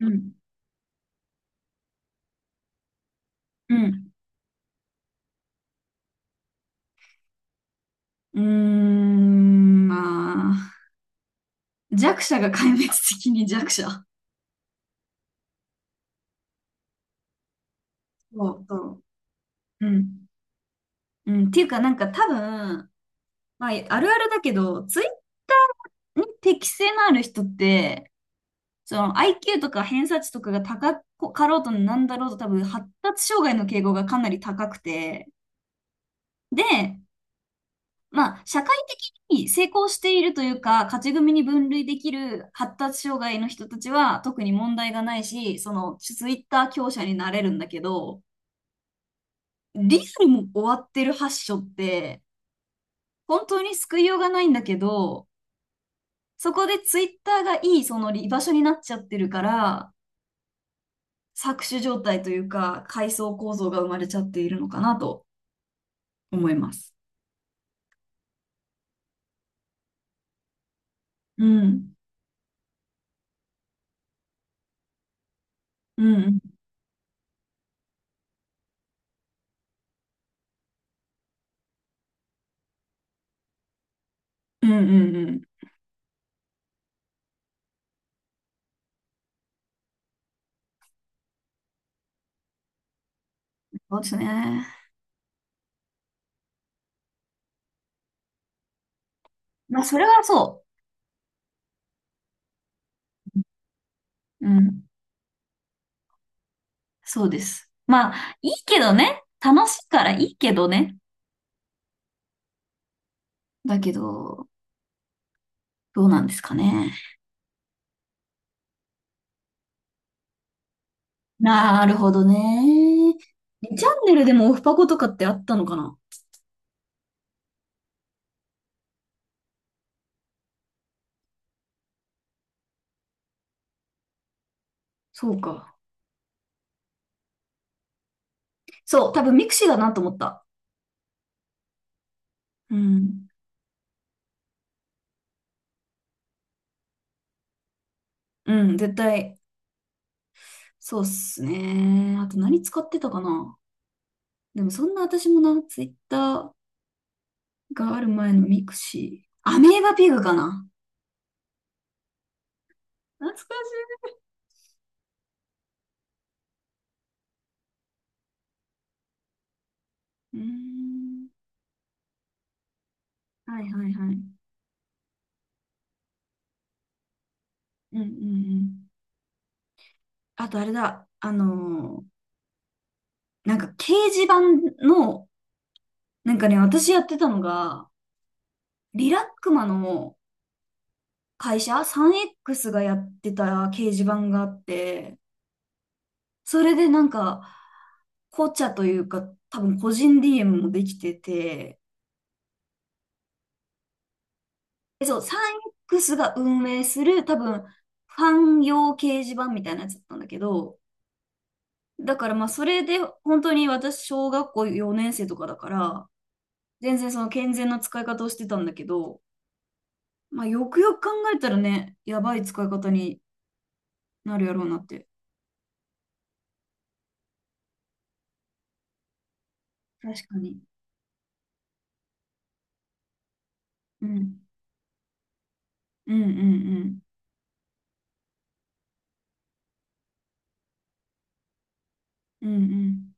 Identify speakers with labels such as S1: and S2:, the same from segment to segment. S1: うん。うん。うーん、まあ、弱者が壊滅的に弱者。そうそう、うん。うん、っていうか、なんか多分、まあ、あるあるだけど、ツイッターに適性のある人って、その IQ とか偏差値とかが高かろうとなんだろうと多分発達障害の傾向がかなり高くて、で、まあ、社会的に成功しているというか、勝ち組に分類できる発達障害の人たちは特に問題がないし、そのツイッター強者になれるんだけど、リアルも終わってる発症って、本当に救いようがないんだけど、そこでツイッターがいいその居場所になっちゃってるから、搾取状態というか、階層構造が生まれちゃっているのかなと思います。うん。うん。うんうんうん。そうですね。まあ、それはそう。うん。そうです。まあ、いいけどね。楽しいからいいけどね。だけど、どうなんですかね。なるほどね。にチャンネルでもオフパコとかってあったのかな。そうか。そう、多分ミクシーだなと思った。うん。うん、絶対。そうっすね。あと何使ってたかな。でもそんな私もな、ツイッターがある前のミクシー。アメーバピグかな。懐かしい。うーん。はいはいはい。うんうんうん。あとあれだ、なんか掲示板の、なんかね、私やってたのが、リラックマの会社、3X がやってた掲示板があって、それでなんか、紅茶というか、多分個人 DM もできてて、でそう、3X が運営する多分、ファン用掲示板みたいなやつだったんだけど、だからまあ、それで本当に私、小学校4年生とかだから、全然その健全な使い方をしてたんだけど、まあ、よくよく考えたらね、やばい使い方になるやろうなって。確かに。うん。うんうんうん。うん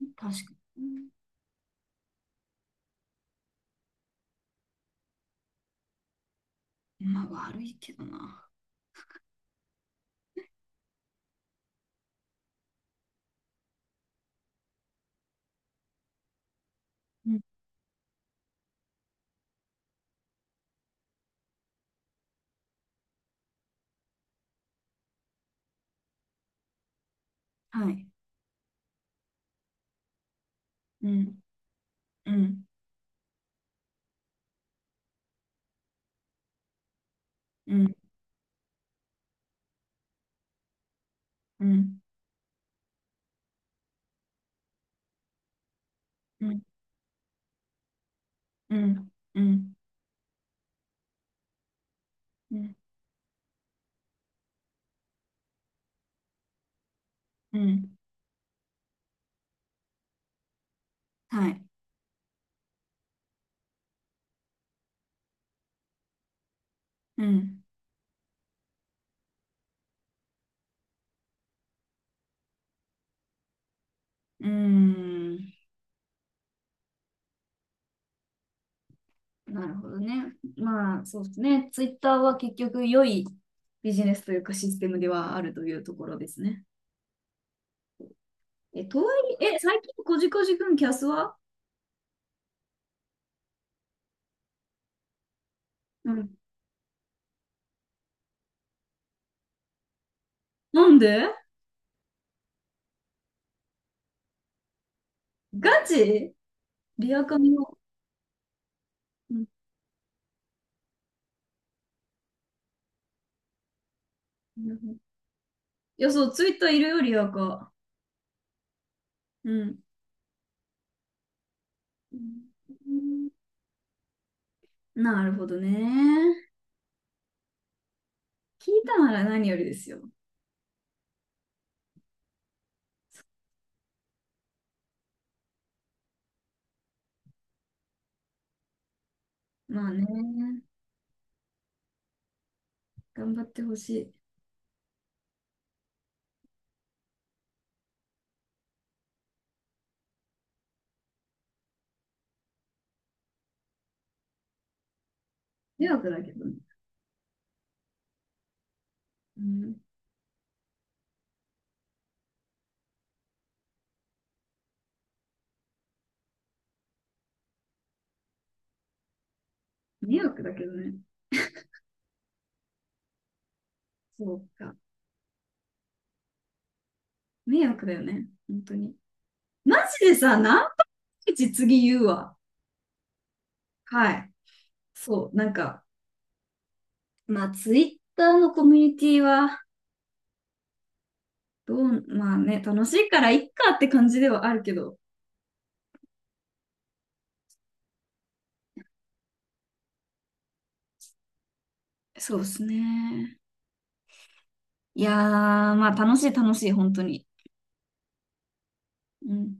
S1: うん。確かに。まあ、悪いけどな。うん。はい。うん。うん。うん。うん。うん。うん。うん。うん。うん、はい。うん。うーん。なるほどね。まあ、そうですね。ツイッターは結局良いビジネスというかシステムではあるというところですね。え、とはいえ、え、最近こじこじくんキャスは。うん。なんでガチリアカの、うん、なるほど。いや、そう、ツイッターいるよ、リアカ。うん。うん、なるほどね。聞いたなら何よりですよ。まあね。頑張ってほしい。迷惑だけどね。うん。迷惑だけどね。そうか。迷惑だよね。本当に。マジでさ、何パーセンテージ次言うわ。はい。そう。なんか、まあ、ツイッターのコミュニティは、どう、まあね、楽しいからいっかって感じではあるけど、そうですね。いやー、まあ楽しい楽しい、本当に。うん。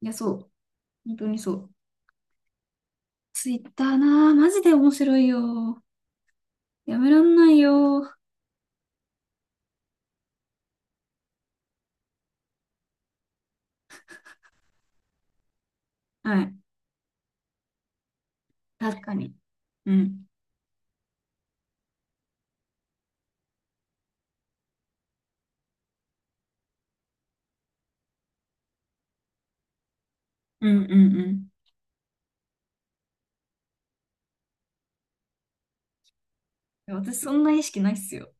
S1: いや、そう。本当にそう。ツイッターなー、マジで面白いよ。やめらんないよ。はい。確かに。うん。うんうんうん。いや私そんな意識ないっすよ。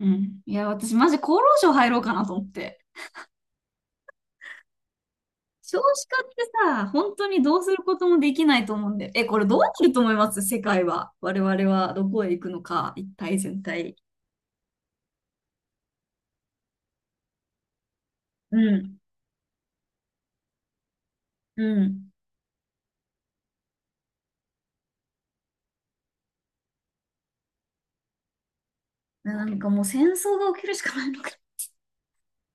S1: うん。いや、私マジ厚労省入ろうかなと思って。少子化ってさ、本当にどうすることもできないと思うんで。え、これどうなると思います世界は。我々はどこへ行くのか、一体全体。うん。うん。なんかもう戦争が起きるしかないのか。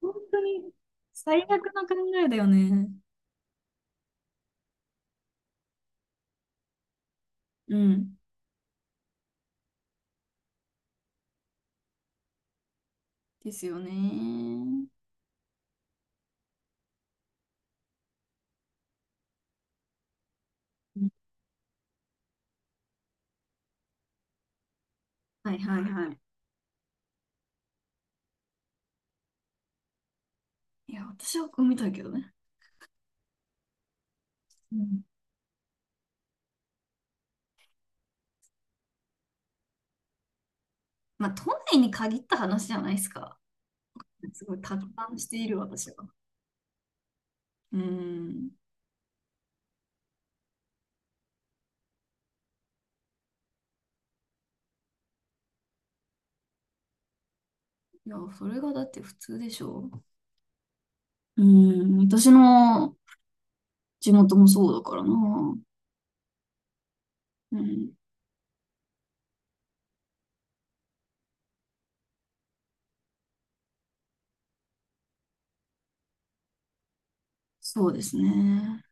S1: 本当に最悪な考えだよね。うん。ですよね。うん、はいはいはい。いや、私は産みたいけどね。うん。まあ、都内に限った話じゃないですか。すごい達観している私は。うん。いや、それがだって普通でしょ。うん、私の地元もそうだからな。うん、そうですね。